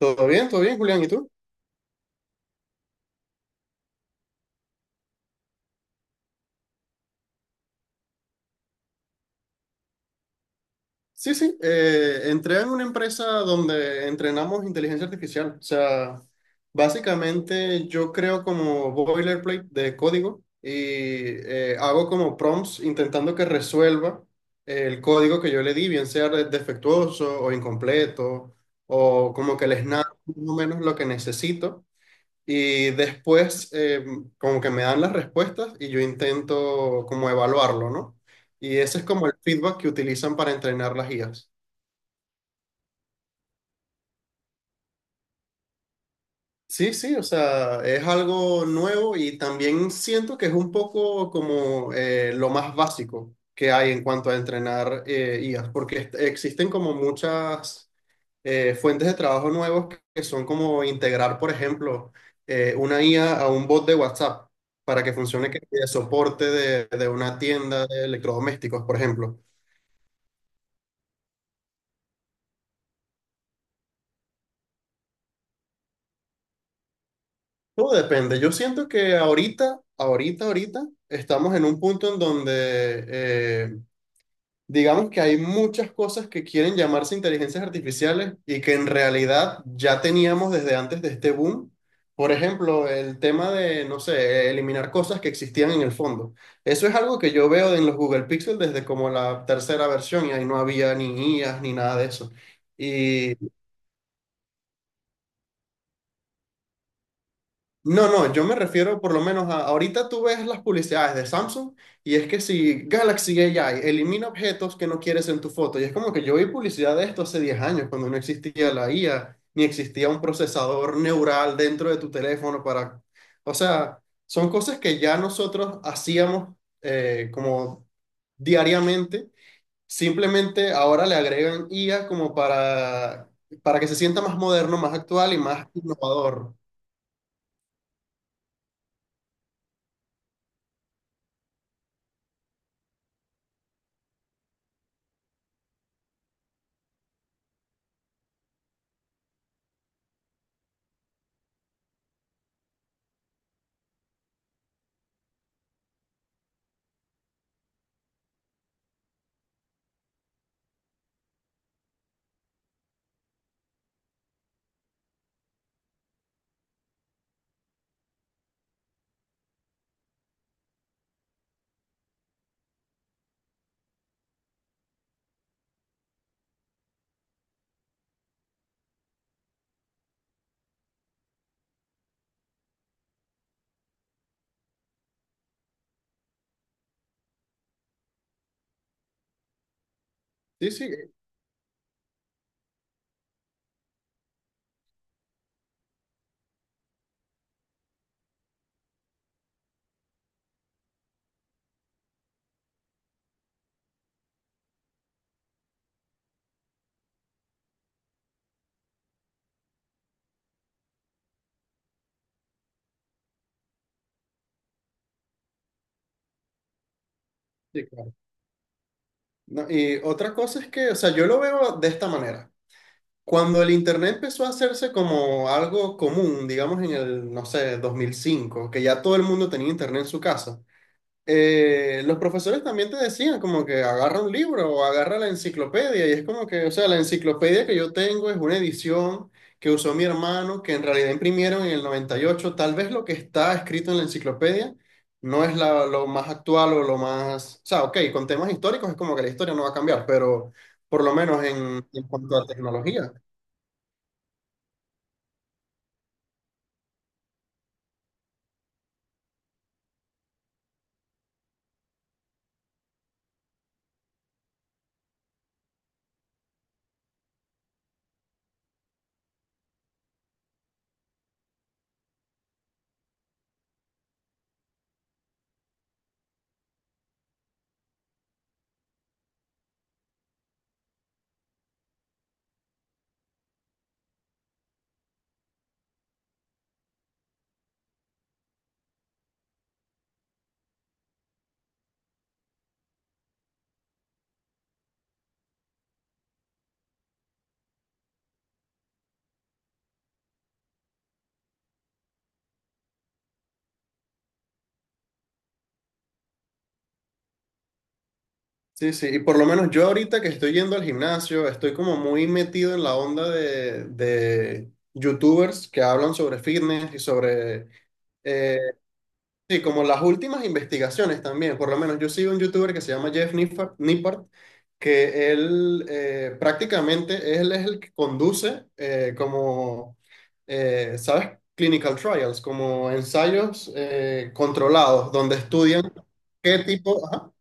Todo bien, Julián. ¿Y tú? Sí, sí. Entré en una empresa donde entrenamos inteligencia artificial. O sea, básicamente yo creo como boilerplate de código y hago como prompts intentando que resuelva el código que yo le di, bien sea defectuoso o incompleto, o como que les narro más o menos lo que necesito. Y después, como que me dan las respuestas y yo intento como evaluarlo, ¿no? Y ese es como el feedback que utilizan para entrenar las guías. Sí, sí, o sea, es algo nuevo y también siento que es un poco como lo más básico que hay en cuanto a entrenar IAs, porque existen como muchas fuentes de trabajo nuevos que son como integrar, por ejemplo, una IA a un bot de WhatsApp para que funcione de soporte de una tienda de electrodomésticos, por ejemplo. Todo depende. Yo siento que ahorita, ahorita, ahorita, estamos en un punto en donde digamos que hay muchas cosas que quieren llamarse inteligencias artificiales y que en realidad ya teníamos desde antes de este boom. Por ejemplo, el tema de, no sé, eliminar cosas que existían en el fondo. Eso es algo que yo veo en los Google Pixel desde como la tercera versión y ahí no había ni guías ni nada de eso. y No, no, yo me refiero por lo menos a, ahorita tú ves las publicidades de Samsung y es que si Galaxy AI elimina objetos que no quieres en tu foto, y es como que yo vi publicidad de esto hace 10 años, cuando no existía la IA, ni existía un procesador neural dentro de tu teléfono para... O sea, son cosas que ya nosotros hacíamos como diariamente, simplemente ahora le agregan IA como para que se sienta más moderno, más actual y más innovador. Sí, sí, sí, claro. No, y otra cosa es que, o sea, yo lo veo de esta manera. Cuando el Internet empezó a hacerse como algo común, digamos en el, no sé, 2005 que ya todo el mundo tenía Internet en su casa, los profesores también te decían como que agarra un libro o agarra la enciclopedia y es como que, o sea, la enciclopedia que yo tengo es una edición que usó mi hermano, que en realidad imprimieron en el noventa y ocho. Tal vez lo que está escrito en la enciclopedia no es lo más actual o lo más, o sea, ok, con temas históricos es como que la historia no va a cambiar, pero por lo menos en cuanto a tecnología. Sí, sí, y por lo menos yo ahorita que estoy yendo al gimnasio, estoy como muy metido en la onda de youtubers que hablan sobre fitness y sobre, eh, sí, como las últimas investigaciones también. Por lo menos yo sigo un youtuber que se llama Jeff Nippard, Nippard, que él prácticamente él es el que conduce como, ¿sabes? Clinical trials, como ensayos controlados, donde estudian qué tipo... Ajá.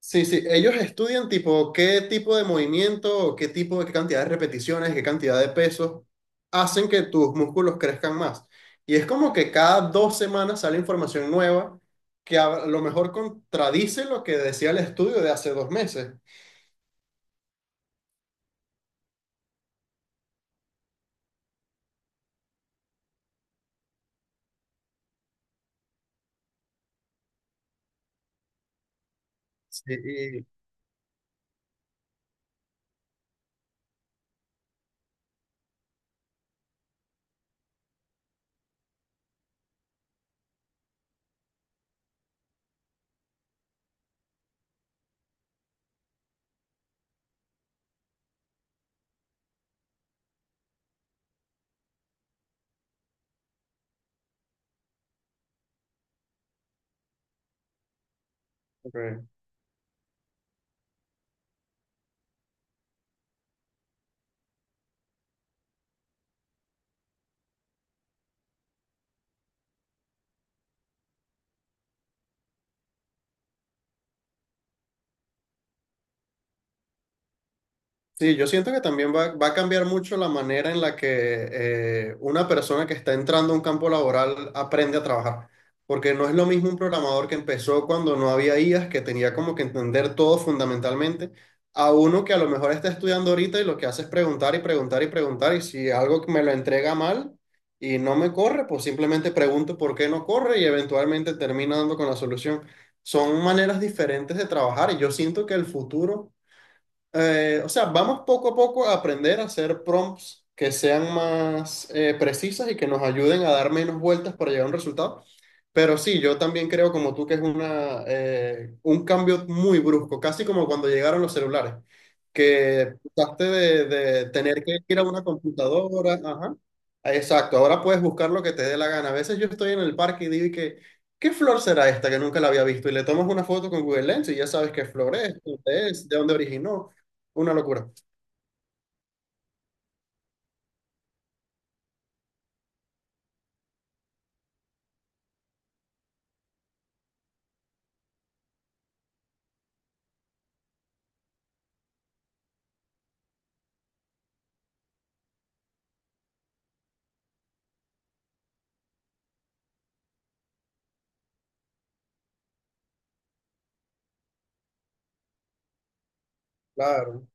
Sí, sí, ellos estudian tipo qué tipo de movimiento, o qué tipo de qué cantidad de repeticiones, qué cantidad de pesos hacen que tus músculos crezcan más. Y es como que cada 2 semanas sale información nueva que a lo mejor contradice lo que decía el estudio de hace 2 meses. Sí, y- ok. Sí, yo siento que también va, va a cambiar mucho la manera en la que una persona que está entrando a un campo laboral aprende a trabajar. Porque no es lo mismo un programador que empezó cuando no había IAs, que tenía como que entender todo fundamentalmente, a uno que a lo mejor está estudiando ahorita y lo que hace es preguntar y preguntar y preguntar. Y si algo me lo entrega mal y no me corre, pues simplemente pregunto por qué no corre y eventualmente termino dando con la solución. Son maneras diferentes de trabajar y yo siento que el futuro o sea, vamos poco a poco a aprender a hacer prompts que sean más precisas y que nos ayuden a dar menos vueltas para llegar a un resultado. Pero sí, yo también creo como tú que es una, un cambio muy brusco, casi como cuando llegaron los celulares, que pasaste de tener que ir a una computadora. Ajá. Exacto, ahora puedes buscar lo que te dé la gana. A veces yo estoy en el parque y digo y que, ¿qué flor será esta que nunca la había visto? Y le tomas una foto con Google Lens y ya sabes qué flor es, dónde es, de dónde originó. Una locura, claro.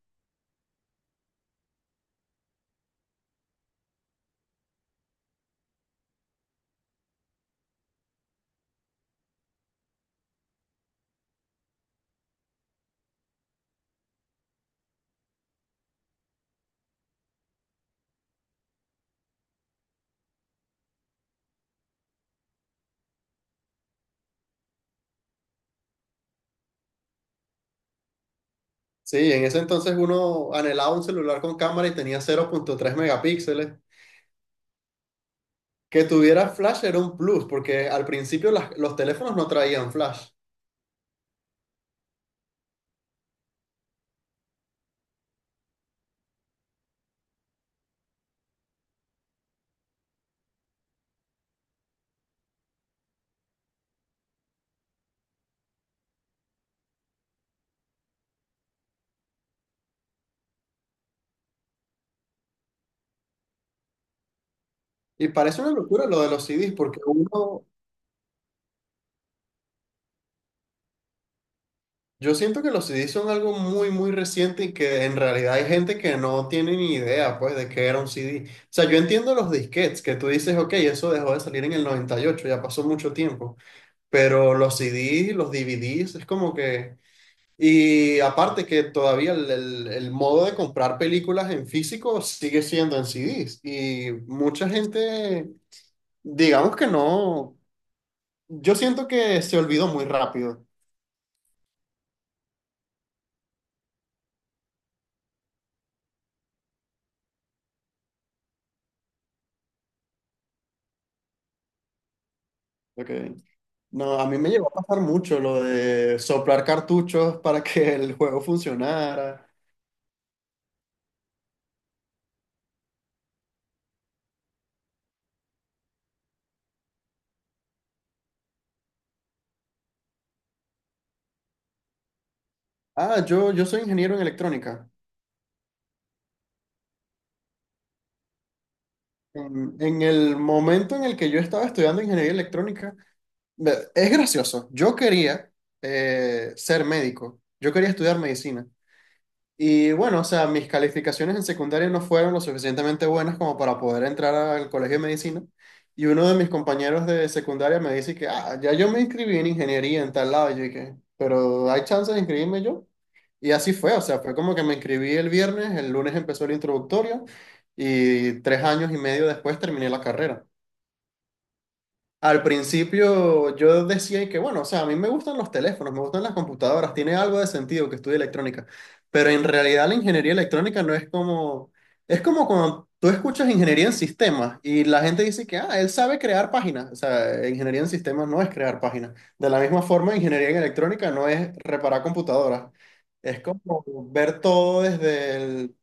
Sí, en ese entonces uno anhelaba un celular con cámara y tenía 0.3 megapíxeles. Que tuviera flash era un plus, porque al principio los teléfonos no traían flash. Y parece una locura lo de los CDs, porque uno, yo siento que los CDs son algo muy, muy reciente y que en realidad hay gente que no tiene ni idea, pues, de qué era un CD. O sea, yo entiendo los disquetes, que tú dices, ok, eso dejó de salir en el 98, ya pasó mucho tiempo. Pero los CDs, los DVDs, es como que... Y aparte que todavía el, el modo de comprar películas en físico sigue siendo en CDs. Y mucha gente, digamos que no, yo siento que se olvidó muy rápido. Ok. No, a mí me llegó a pasar mucho lo de soplar cartuchos para que el juego funcionara. Ah, yo soy ingeniero en electrónica. En el momento en el que yo estaba estudiando ingeniería electrónica, me- es gracioso, yo quería ser médico, yo quería estudiar medicina. Y bueno, o sea, mis calificaciones en secundaria no fueron lo suficientemente buenas como para poder entrar al colegio de medicina. Y uno de mis compañeros de secundaria me dice que, ah, ya yo me inscribí en ingeniería en tal lado. Y yo dije, pero ¿hay chance de inscribirme yo? Y así fue, o sea, fue como que me inscribí el viernes, el lunes empezó el introductorio y 3 años y medio después terminé la carrera. Al principio yo decía que, bueno, o sea, a mí me gustan los teléfonos, me gustan las computadoras, tiene algo de sentido que estudie electrónica, pero en realidad la ingeniería electrónica no es como, es como cuando tú escuchas ingeniería en sistemas y la gente dice que, ah, él sabe crear páginas, o sea, ingeniería en sistemas no es crear páginas. De la misma forma, ingeniería en electrónica no es reparar computadoras, es como ver todo desde el,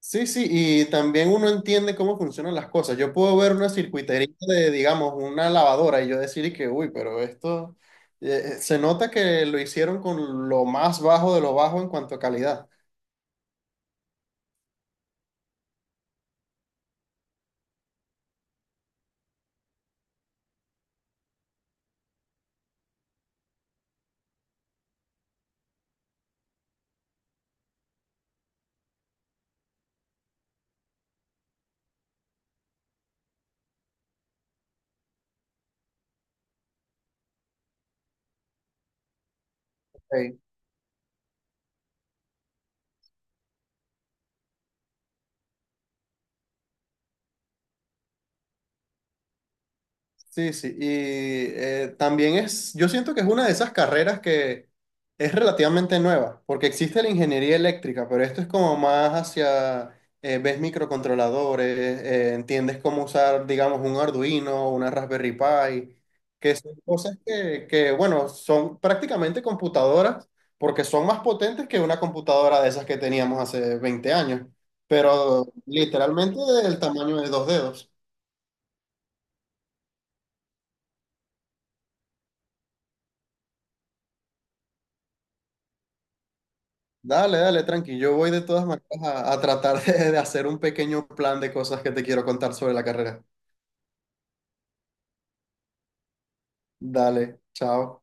sí, sí, y también uno entiende cómo funcionan las cosas. Yo puedo ver una circuitería de, digamos, una lavadora y yo decir y que, uy, pero esto se nota que lo hicieron con lo más bajo de lo bajo en cuanto a calidad. Sí, sí, y también es, yo siento que es una de esas carreras que es relativamente nueva, porque existe la ingeniería eléctrica, pero esto es como más hacia, ves microcontroladores, entiendes cómo usar, digamos, un Arduino, una Raspberry Pi, que son cosas que, bueno, son prácticamente computadoras, porque son más potentes que una computadora de esas que teníamos hace 20 años, pero literalmente del tamaño de dos dedos. Dale, dale, tranqui. Yo voy de todas maneras a tratar de hacer un pequeño plan de cosas que te quiero contar sobre la carrera. Dale, chao.